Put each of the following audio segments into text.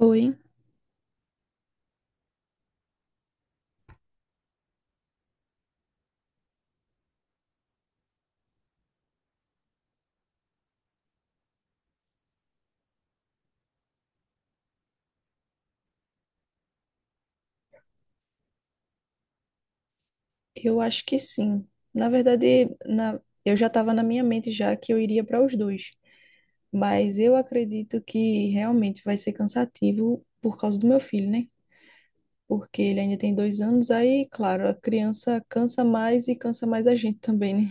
Oi, eu acho que sim. Na verdade, eu já estava na minha mente já que eu iria para os dois, mas eu acredito que realmente vai ser cansativo por causa do meu filho, né? Porque ele ainda tem dois anos, aí, claro, a criança cansa mais e cansa mais a gente também, né?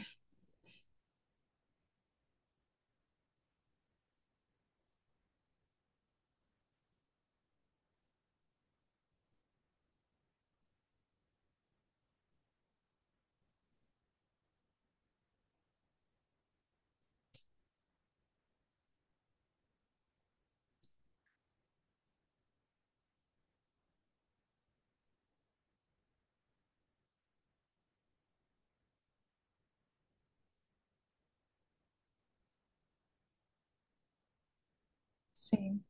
Sim,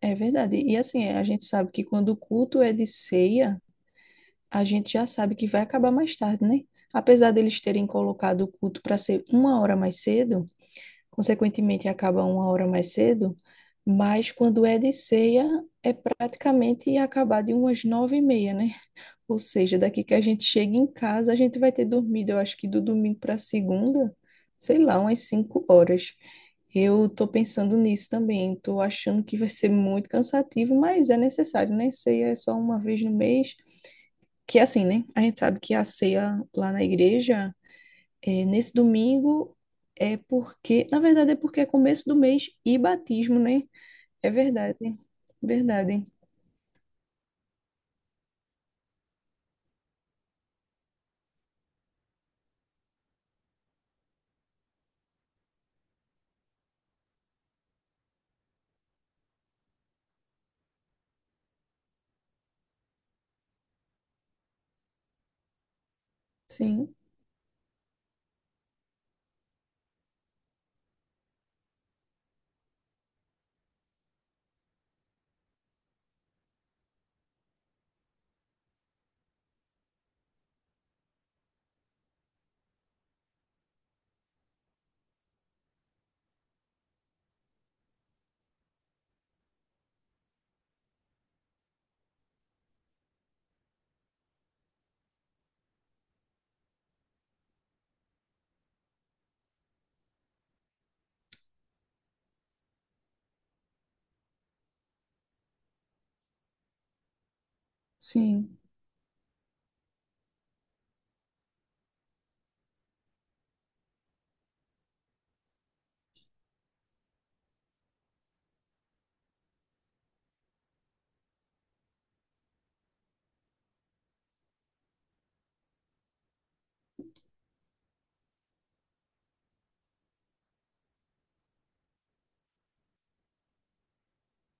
é verdade. E assim, a gente sabe que quando o culto é de ceia, a gente já sabe que vai acabar mais tarde, né? Apesar deles terem colocado o culto para ser uma hora mais cedo, consequentemente acaba uma hora mais cedo, mas quando é de ceia, é praticamente acabar de umas nove e meia, né? Ou seja, daqui que a gente chega em casa, a gente vai ter dormido, eu acho que do domingo para segunda, sei lá, umas cinco horas. Eu tô pensando nisso também, tô achando que vai ser muito cansativo, mas é necessário, né? Ceia é só uma vez no mês. Que é assim, né? A gente sabe que a ceia lá na igreja é, nesse domingo, é porque, na verdade, é porque é começo do mês e batismo, né? É verdade, verdade. Sim, sim,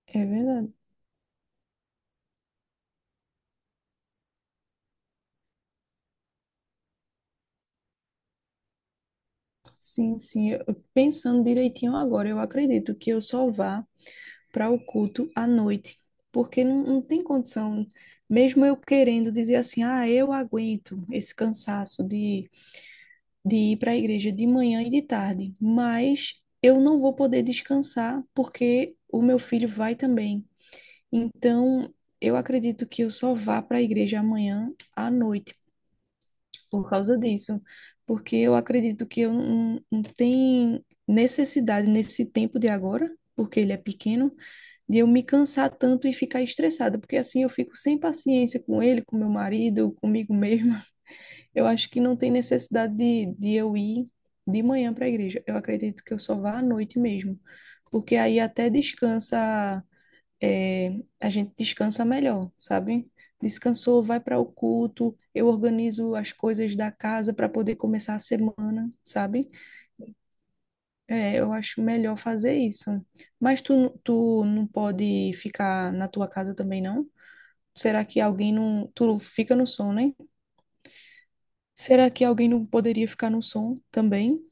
é verdade. Sim, sim. Pensando direitinho agora, eu acredito que eu só vá para o culto à noite, porque não tem condição, mesmo eu querendo dizer assim, ah, eu aguento esse cansaço de ir para a igreja de manhã e de tarde, mas eu não vou poder descansar porque o meu filho vai também. Então, eu acredito que eu só vá para a igreja amanhã à noite por causa disso, porque eu acredito que eu não tenho necessidade nesse tempo de agora, porque ele é pequeno, de eu me cansar tanto e ficar estressada, porque assim eu fico sem paciência com ele, com meu marido, comigo mesma. Eu acho que não tem necessidade de eu ir de manhã para a igreja. Eu acredito que eu só vá à noite mesmo, porque aí até descansa, é, a gente descansa melhor, sabe? Descansou, vai para o culto, eu organizo as coisas da casa para poder começar a semana, sabe? É, eu acho melhor fazer isso. Mas tu, tu não pode ficar na tua casa também, não? Será que alguém não. Tu fica no som, né? Será que alguém não poderia ficar no som também?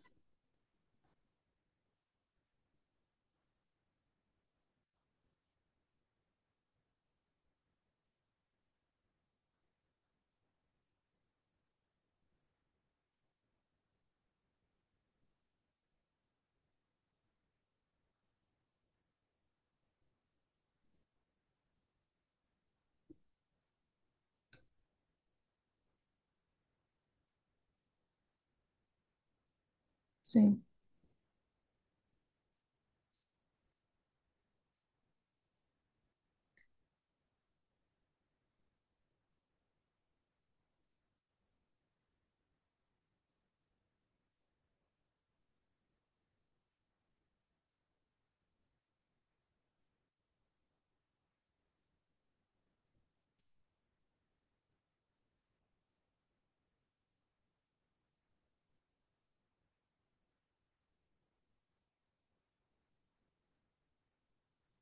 Sim.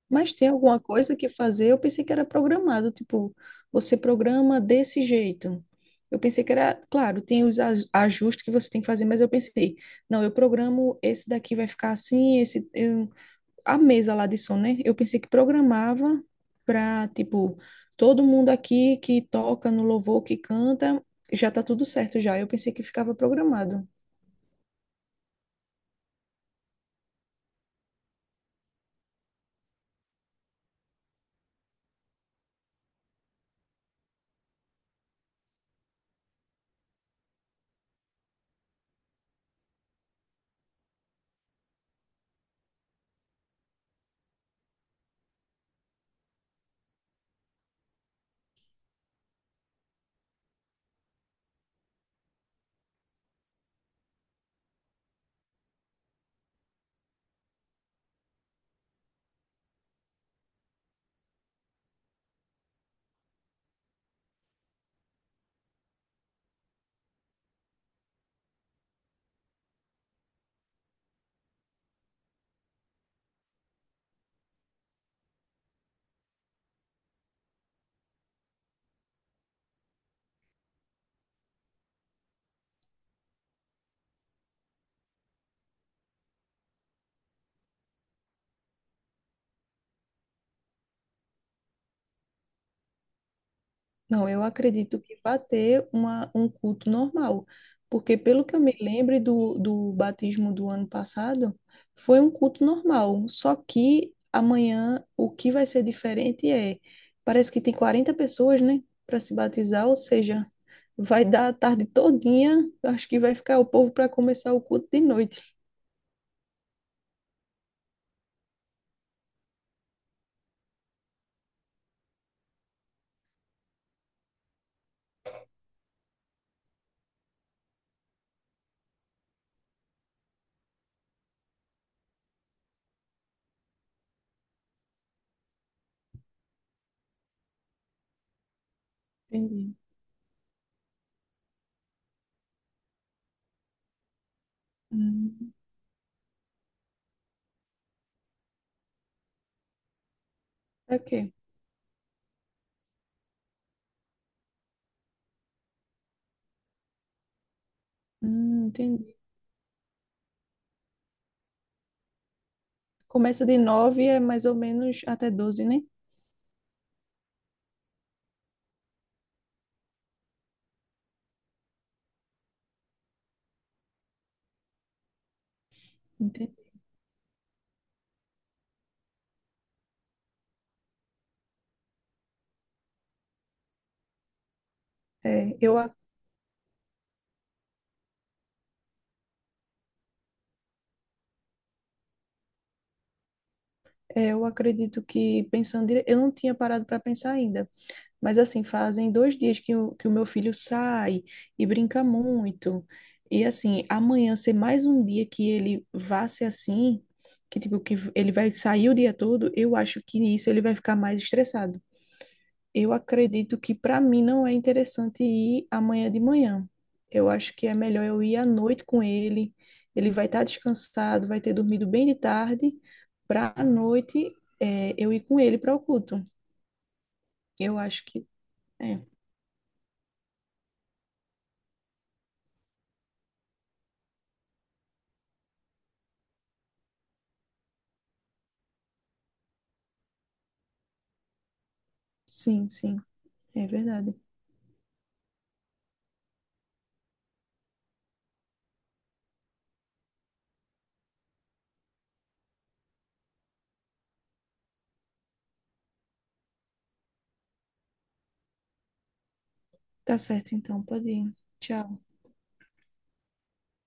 Mas tem alguma coisa que fazer? Eu pensei que era programado, tipo, você programa desse jeito. Eu pensei que era, claro, tem os ajustes que você tem que fazer, mas eu pensei, não, eu programo esse daqui vai ficar assim, a mesa lá de som, né? Eu pensei que programava para, tipo, todo mundo aqui que toca no louvor, que canta, já tá tudo certo já. Eu pensei que ficava programado. Não, eu acredito que vai ter uma, um culto normal, porque pelo que eu me lembro do, do batismo do ano passado, foi um culto normal, só que amanhã o que vai ser diferente é, parece que tem 40 pessoas, né, para se batizar, ou seja, vai dar a tarde todinha, eu acho que vai ficar o povo para começar o culto de noite. Entendi. Hum, ok. Entendi. Começa de 9 é mais ou menos até 12, né? Entendi. É, eu É, eu acredito que pensando, eu não tinha parado para pensar ainda, mas assim, fazem dois dias que o meu filho sai e brinca muito. E assim, amanhã ser mais um dia que ele vá ser assim, que tipo, que ele vai sair o dia todo, eu acho que nisso ele vai ficar mais estressado. Eu acredito que para mim não é interessante ir amanhã de manhã. Eu acho que é melhor eu ir à noite com ele. Ele vai estar descansado, vai ter dormido bem de tarde, para à noite, é, eu ir com ele para o culto. Eu acho que é, sim, sim, é verdade. Tá certo, então, pode ir. Tchau.